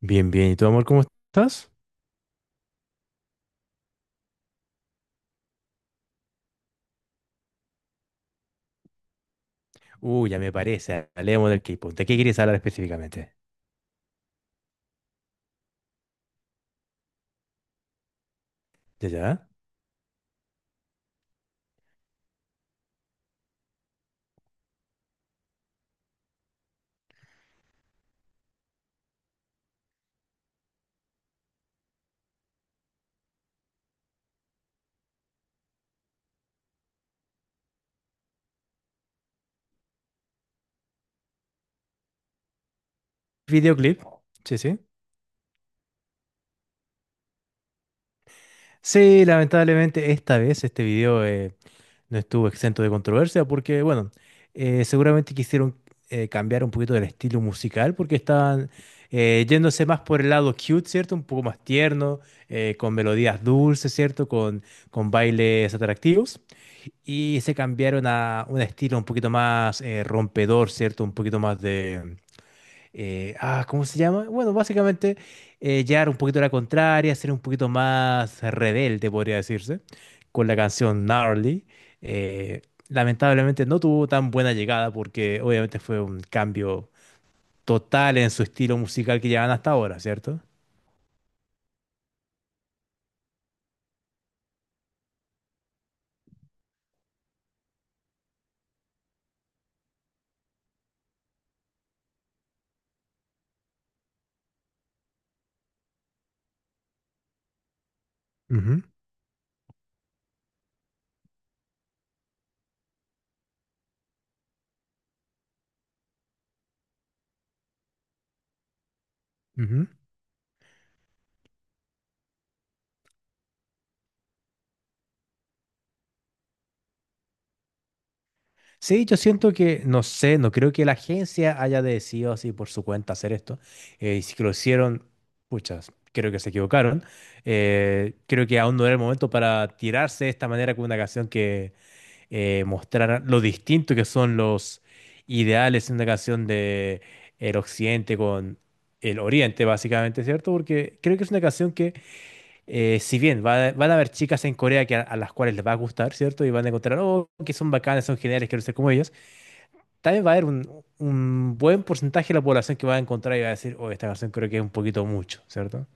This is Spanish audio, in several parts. Bien, bien. ¿Y tú, amor, cómo estás? Ya me parece. Hablemos del K-pop. ¿De qué quieres hablar específicamente? ¿Ya, ya? ¿Videoclip? Sí, sí. Sí, lamentablemente esta vez este video no estuvo exento de controversia porque, bueno, seguramente quisieron cambiar un poquito del estilo musical porque estaban yéndose más por el lado cute, ¿cierto? Un poco más tierno, con melodías dulces, ¿cierto? Con bailes atractivos. Y se cambiaron a un estilo un poquito más rompedor, ¿cierto? Un poquito más de ¿cómo se llama? Bueno, básicamente llevar un poquito a la contraria, ser un poquito más rebelde, podría decirse, con la canción Gnarly. Eh, Lamentablemente no tuvo tan buena llegada porque obviamente fue un cambio total en su estilo musical que llevan hasta ahora, ¿cierto? Ujú, ujú. Sí, yo siento que, no sé, no creo que la agencia haya decidido así por su cuenta hacer esto. Y si lo hicieron, puchas, creo que se equivocaron. Creo que aún no era el momento para tirarse de esta manera con una canción que mostrara lo distinto que son los ideales en una canción de el occidente con el oriente, básicamente, ¿cierto? Porque creo que es una canción que, si bien van a haber chicas en Corea que a las cuales les va a gustar, ¿cierto? Y van a encontrar, oh, que son bacanas, son geniales, quiero ser como ellas, también va a haber un buen porcentaje de la población que va a encontrar y va a decir, oh, esta canción creo que es un poquito mucho, ¿cierto?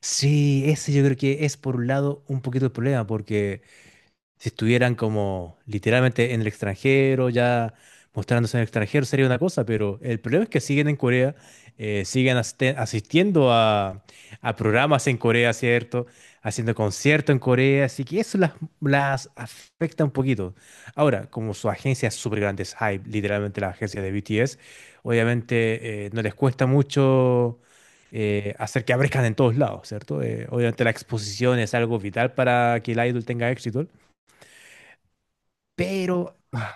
Sí, ese yo creo que es por un lado un poquito el problema, porque si estuvieran como literalmente en el extranjero, ya mostrándose en el extranjero, sería una cosa, pero el problema es que siguen en Corea, siguen asistiendo a programas en Corea, ¿cierto? Haciendo conciertos en Corea, así que eso las afecta un poquito. Ahora, como su agencia es súper grande, es Hype, literalmente la agencia de BTS, obviamente no les cuesta mucho hacer que aparezcan en todos lados, ¿cierto? Obviamente la exposición es algo vital para que el idol tenga éxito. Pero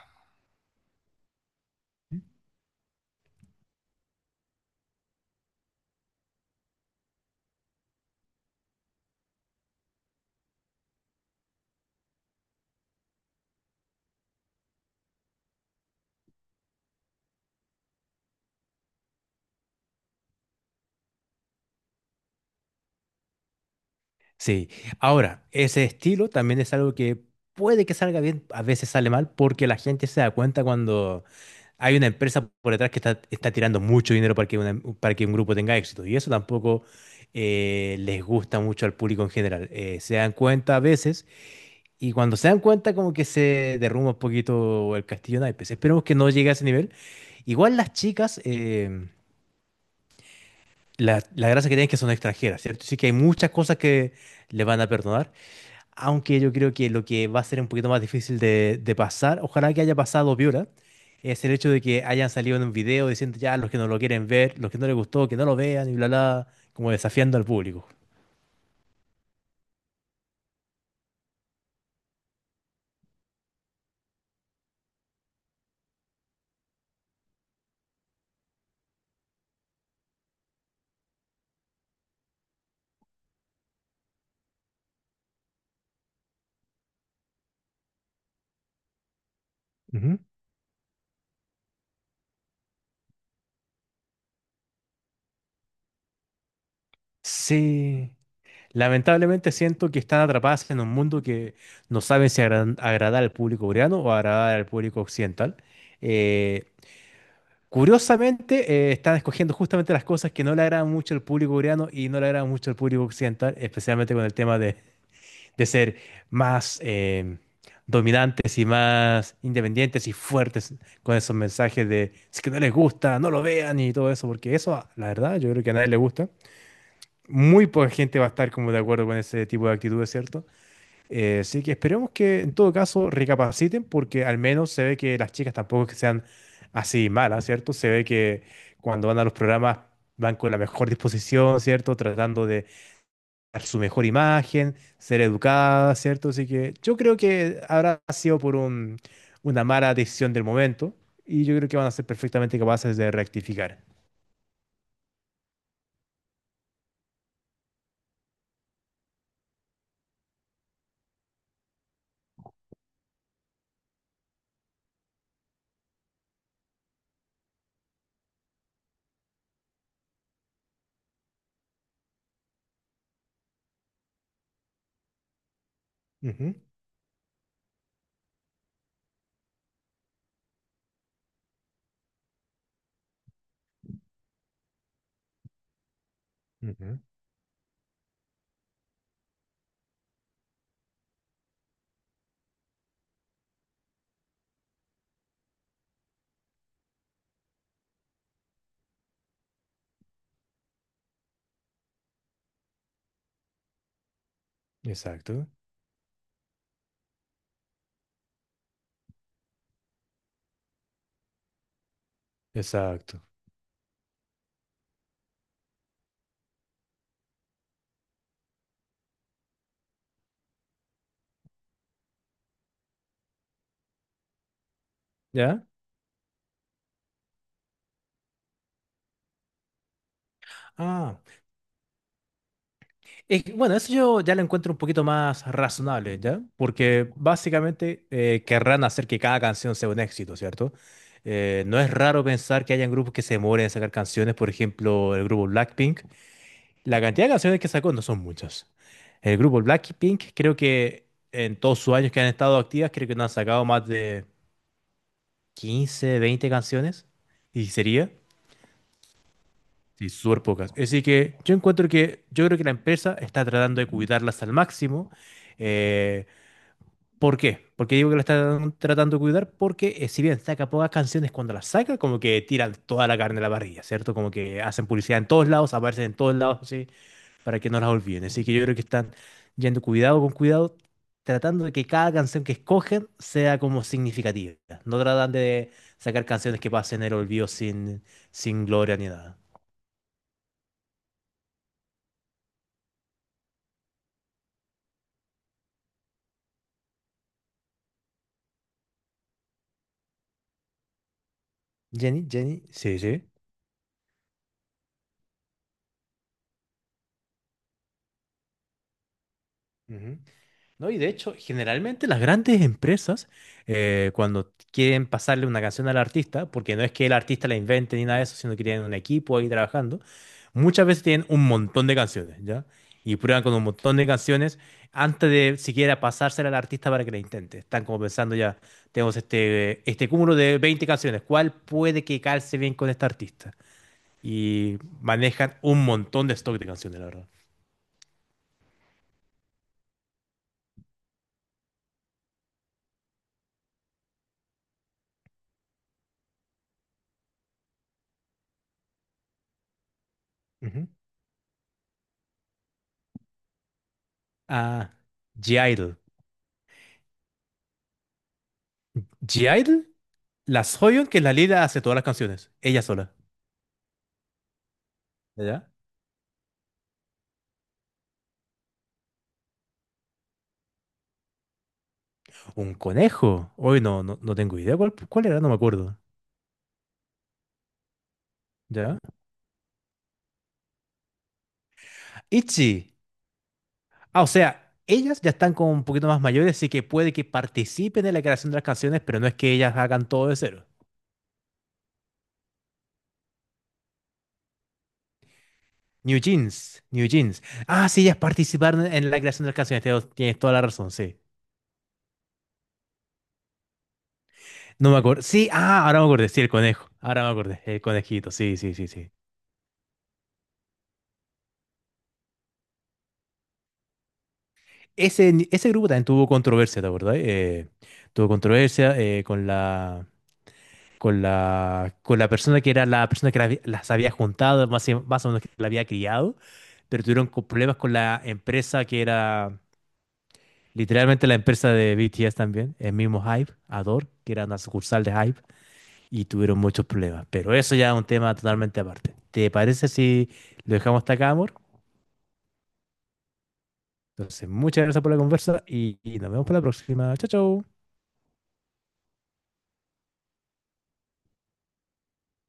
sí, ahora, ese estilo también es algo que puede que salga bien, a veces sale mal, porque la gente se da cuenta cuando hay una empresa por detrás que está tirando mucho dinero para que, para que un grupo tenga éxito. Y eso tampoco les gusta mucho al público en general. Se dan cuenta a veces, y cuando se dan cuenta, como que se derrumba un poquito el castillo de naipes. Esperemos que no llegue a ese nivel. Igual las chicas, la gracia que tienen es que son extranjeras, ¿cierto? Sí que hay muchas cosas que le van a perdonar, aunque yo creo que lo que va a ser un poquito más difícil de pasar, ojalá que haya pasado Viola, es el hecho de que hayan salido en un video diciendo ya los que no lo quieren ver, los que no les gustó, que no lo vean y bla, bla, como desafiando al público. Ujú. Sí, lamentablemente siento que están atrapadas en un mundo que no saben si agradar al público coreano o agradar al público occidental. Eh, Curiosamente, están escogiendo justamente las cosas que no le agradan mucho al público coreano y no le agradan mucho al público occidental, especialmente con el tema de ser más dominantes y más independientes y fuertes con esos mensajes de si que no les gusta, no lo vean y todo eso, porque eso, la verdad, yo creo que a nadie le gusta. Muy poca gente va a estar como de acuerdo con ese tipo de actitudes, ¿cierto? Así que esperemos que en todo caso recapaciten porque al menos se ve que las chicas tampoco es que sean así malas, ¿cierto? Se ve que cuando van a los programas van con la mejor disposición, ¿cierto? Tratando de dar su mejor imagen, ser educadas, ¿cierto? Así que yo creo que habrá sido por una mala decisión del momento y yo creo que van a ser perfectamente capaces de rectificar. Ujú, ujú. Exacto, exacto. ¿Ya? Ah. Es que, bueno, eso yo ya lo encuentro un poquito más razonable, ¿ya? Porque básicamente querrán hacer que cada canción sea un éxito, ¿cierto? No es raro pensar que hayan grupos que se demoren en sacar canciones, por ejemplo, el grupo Blackpink. La cantidad de canciones que sacó no son muchas. El grupo Blackpink creo que en todos sus años que han estado activas, creo que no han sacado más de 15, 20 canciones. ¿Y sería? Sí, súper pocas. Así que yo encuentro que, yo creo que la empresa está tratando de cuidarlas al máximo. Eh, ¿Por qué? Porque digo que la están tratando de cuidar porque si bien saca pocas canciones, cuando las saca como que tiran toda la carne a la parrilla, ¿cierto? Como que hacen publicidad en todos lados, aparecen en todos lados, así, para que no las olviden. Así que yo creo que están yendo cuidado con cuidado, tratando de que cada canción que escogen sea como significativa. No tratan de sacar canciones que pasen el olvido sin, sin gloria ni nada. Jenny, Jenny, sí, sí. Ujú. No, y de hecho, generalmente las grandes empresas, cuando quieren pasarle una canción al artista, porque no es que el artista la invente ni nada de eso, sino que tienen un equipo ahí trabajando, muchas veces tienen un montón de canciones, ¿ya? Y prueban con un montón de canciones antes de siquiera pasársela al artista para que la intente. Están como pensando ya, tenemos este cúmulo de 20 canciones, ¿cuál puede que calce bien con este artista? Y manejan un montón de stock de canciones, la verdad. A G-Idle. G la Soyeon que es la líder hace todas las canciones, ella sola. ¿Ya? Un conejo. Hoy no, no, no tengo idea cuál era, no me acuerdo. ¿Ya? Itzy. Ah, o sea, ellas ya están como un poquito más mayores, así que puede que participen en la creación de las canciones, pero no es que ellas hagan todo de cero. New Jeans, New Jeans. Ah, sí, ellas participaron en la creación de las canciones, tienes toda la razón, sí. No me acuerdo. Sí, ah, ahora me acordé, sí, el conejo. Ahora me acordé, el conejito, sí, sí, sí, sí. Ese grupo también tuvo controversia, ¿te acordás? Tuvo controversia con la persona que era la persona que las había juntado, más o menos que la había criado, pero tuvieron problemas con la empresa que era literalmente la empresa de BTS también, el mismo Hype, Adore, que era una sucursal de Hype, y tuvieron muchos problemas. Pero eso ya es un tema totalmente aparte. ¿Te parece si lo dejamos hasta acá, amor? Entonces, muchas gracias por la conversa y nos vemos para la próxima. Chao, chao.